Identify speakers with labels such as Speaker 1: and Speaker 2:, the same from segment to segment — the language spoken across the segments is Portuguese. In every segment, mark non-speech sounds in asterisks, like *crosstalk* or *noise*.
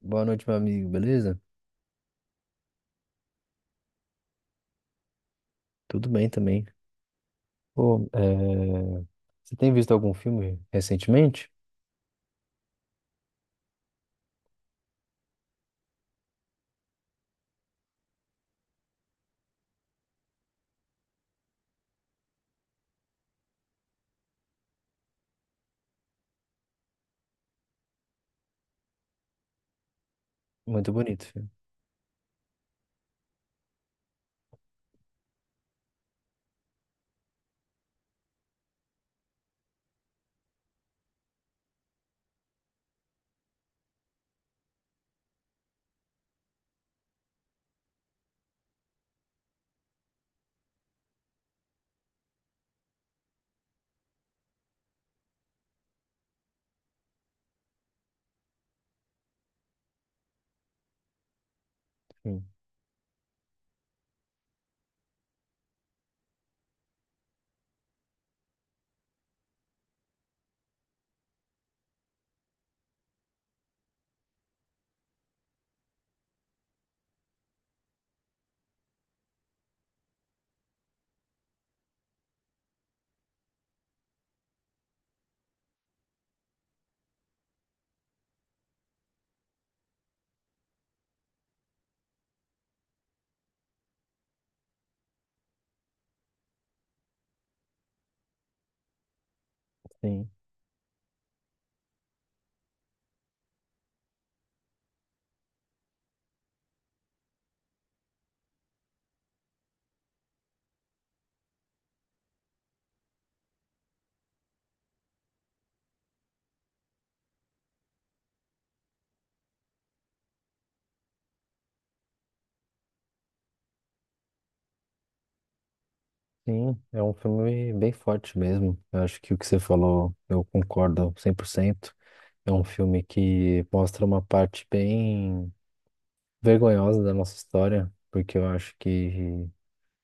Speaker 1: Boa noite, meu amigo, beleza? Tudo bem também. Pô, você tem visto algum filme recentemente? Muito bonito, filme. Sim, sim, sim. É um filme bem forte mesmo. Eu acho que o que você falou, eu concordo 100%. É um filme que mostra uma parte bem vergonhosa da nossa história, porque eu acho que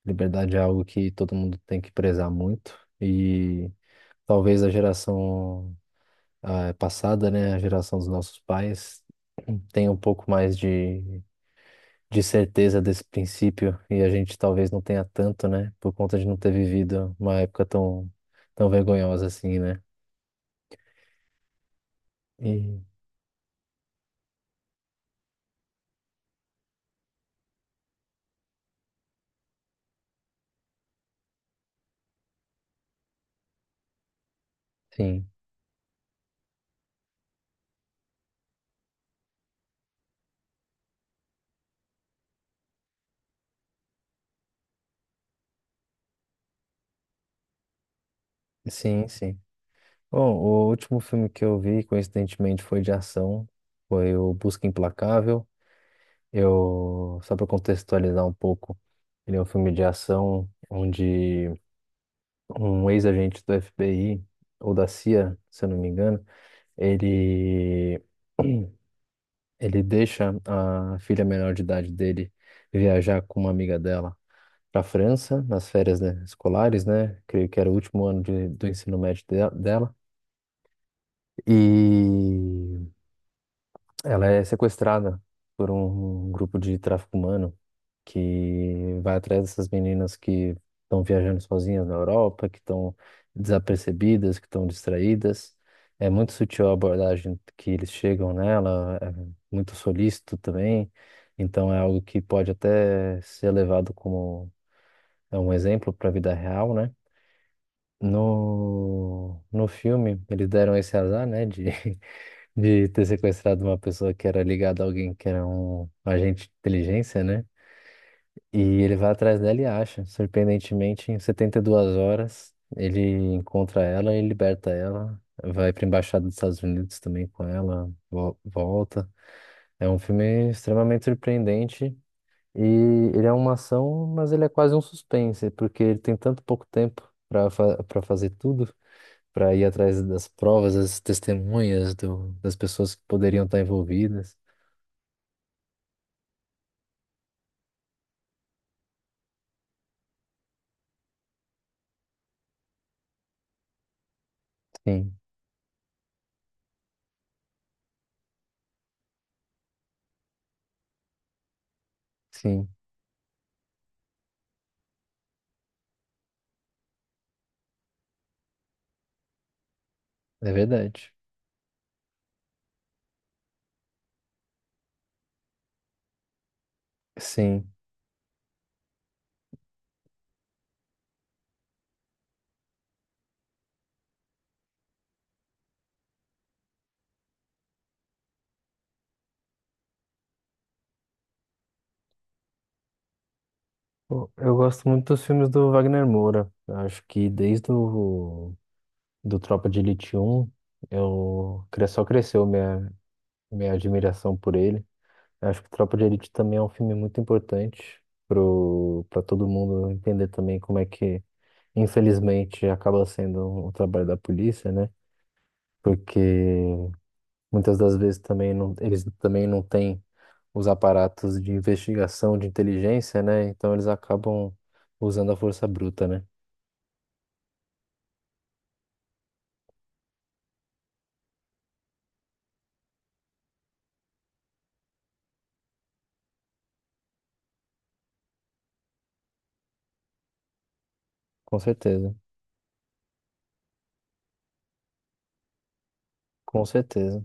Speaker 1: liberdade é algo que todo mundo tem que prezar muito. E talvez a geração a passada, né, a geração dos nossos pais, tem um pouco mais de, certeza desse princípio e a gente talvez não tenha tanto, né, por conta de não ter vivido uma época tão, tão vergonhosa assim, né? E, sim, sim, sim. Bom, o último filme que eu vi, coincidentemente, foi de ação, foi o Busca Implacável. Só para contextualizar um pouco, ele é um filme de ação onde um ex-agente do FBI ou da CIA, se eu não me engano, ele *clears throat* ele deixa a filha menor de idade dele viajar com uma amiga dela para a França nas férias, né, escolares, né? Creio que era o último ano do ensino médio dela. E ela é sequestrada por um grupo de tráfico humano que vai atrás dessas meninas que estão viajando sozinhas na Europa, que estão desapercebidas, que estão distraídas. É muito sutil a abordagem que eles chegam nela, é muito solícito também. Então é algo que pode até ser levado como é um exemplo para a vida real, né? No filme, eles deram esse azar, né, de *laughs* de ter sequestrado uma pessoa que era ligada a alguém que era um agente de inteligência, né? E ele vai atrás dela e acha. Surpreendentemente, em 72 horas, ele encontra ela e liberta ela. Vai para a embaixada dos Estados Unidos também com ela, volta. É um filme extremamente surpreendente e ele é uma ação, mas ele é quase um suspense, porque ele tem tanto pouco tempo para fazer tudo para ir atrás das provas, das testemunhas do, das pessoas que poderiam estar envolvidas. Sim, sim, é verdade. Sim. Pô, eu gosto muito dos filmes do Wagner Moura. Eu acho que desde o do Tropa de Elite 1, só cresceu minha admiração por ele. Eu acho que Tropa de Elite também é um filme muito importante pro para todo mundo entender também como é que, infelizmente, acaba sendo o trabalho da polícia, né? Porque muitas das vezes também não, eles também não têm os aparatos de investigação, de inteligência, né? Então eles acabam usando a força bruta, né? Com certeza, com certeza.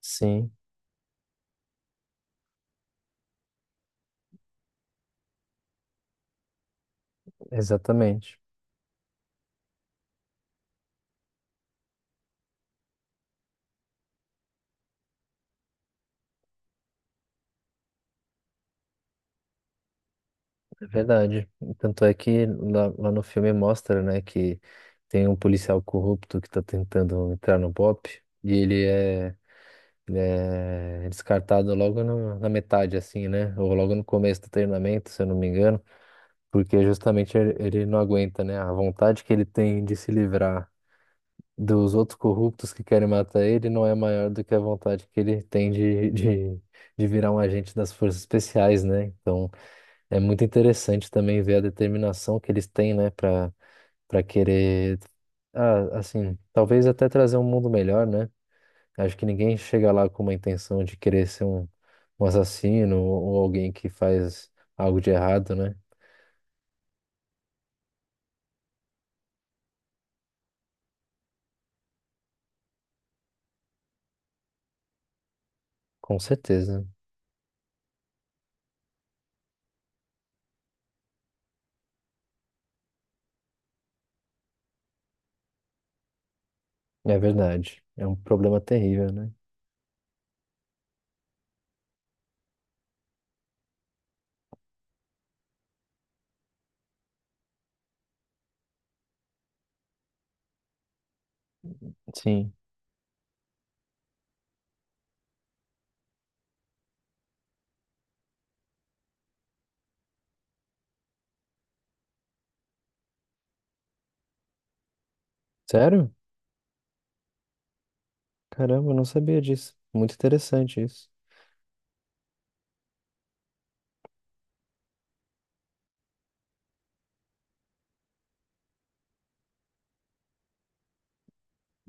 Speaker 1: Sim, exatamente. É verdade. Tanto é que lá no filme mostra, né, que tem um policial corrupto que tá tentando entrar no BOP e ele é descartado logo na metade, assim, né? Ou logo no começo do treinamento, se eu não me engano. Porque justamente ele não aguenta, né? A vontade que ele tem de se livrar dos outros corruptos que querem matar ele não é maior do que a vontade que ele tem de virar um agente das forças especiais, né? Então é muito interessante também ver a determinação que eles têm, né, para para querer, ah, assim, talvez até trazer um mundo melhor, né? Acho que ninguém chega lá com uma intenção de querer ser um, um assassino ou alguém que faz algo de errado, né? Com certeza. É verdade. É um problema terrível, né? Sim. Sério? Caramba, eu não sabia disso. Muito interessante isso.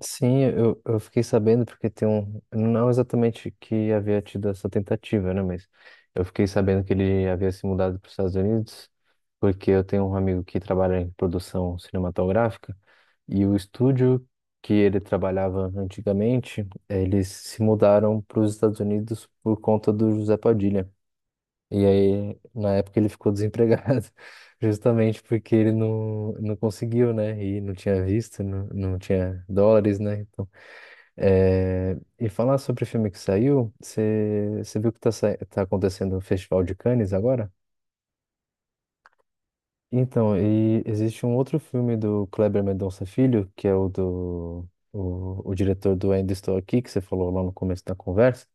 Speaker 1: Sim, eu fiquei sabendo porque tem um. Não exatamente que havia tido essa tentativa, né? Mas eu fiquei sabendo que ele havia se mudado para os Estados Unidos, porque eu tenho um amigo que trabalha em produção cinematográfica e o estúdio que ele trabalhava antigamente, eles se mudaram para os Estados Unidos por conta do José Padilha. E aí, na época, ele ficou desempregado, *laughs* justamente porque ele não, não conseguiu, né? E não tinha visto, não, não tinha dólares, né? Então, e falar sobre o filme que saiu, você viu que tá acontecendo o Festival de Cannes agora? Então, e existe um outro filme do Kleber Mendonça Filho, que é o diretor do Ainda Estou Aqui, que você falou lá no começo da conversa.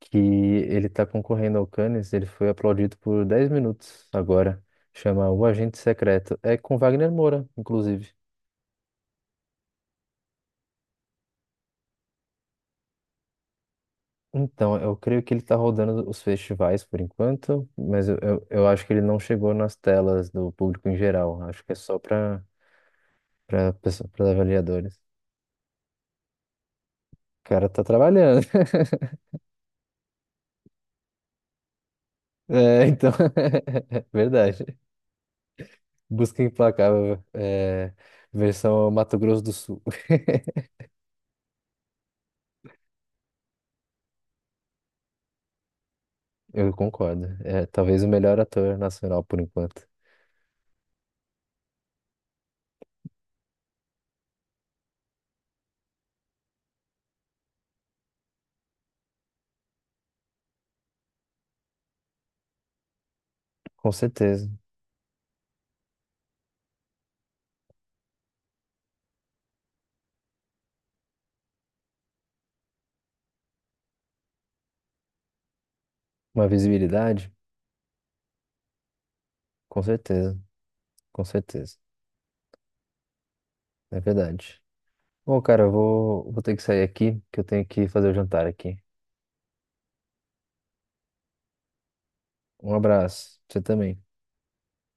Speaker 1: Que ele está concorrendo ao Cannes, ele foi aplaudido por 10 minutos agora. Chama O Agente Secreto. É com Wagner Moura, inclusive. Então, eu creio que ele está rodando os festivais por enquanto, mas eu acho que ele não chegou nas telas do público em geral. Acho que é só para para avaliadores. O cara tá trabalhando. *laughs* É, então, *laughs* é verdade. Busca Implacável, é, versão Mato Grosso do Sul. *laughs* Eu concordo. É talvez o melhor ator nacional por enquanto. Com certeza. Uma visibilidade? Com certeza. Com certeza. É verdade. Bom, cara, eu vou, vou ter que sair aqui, que eu tenho que fazer o jantar aqui. Um abraço. Você também.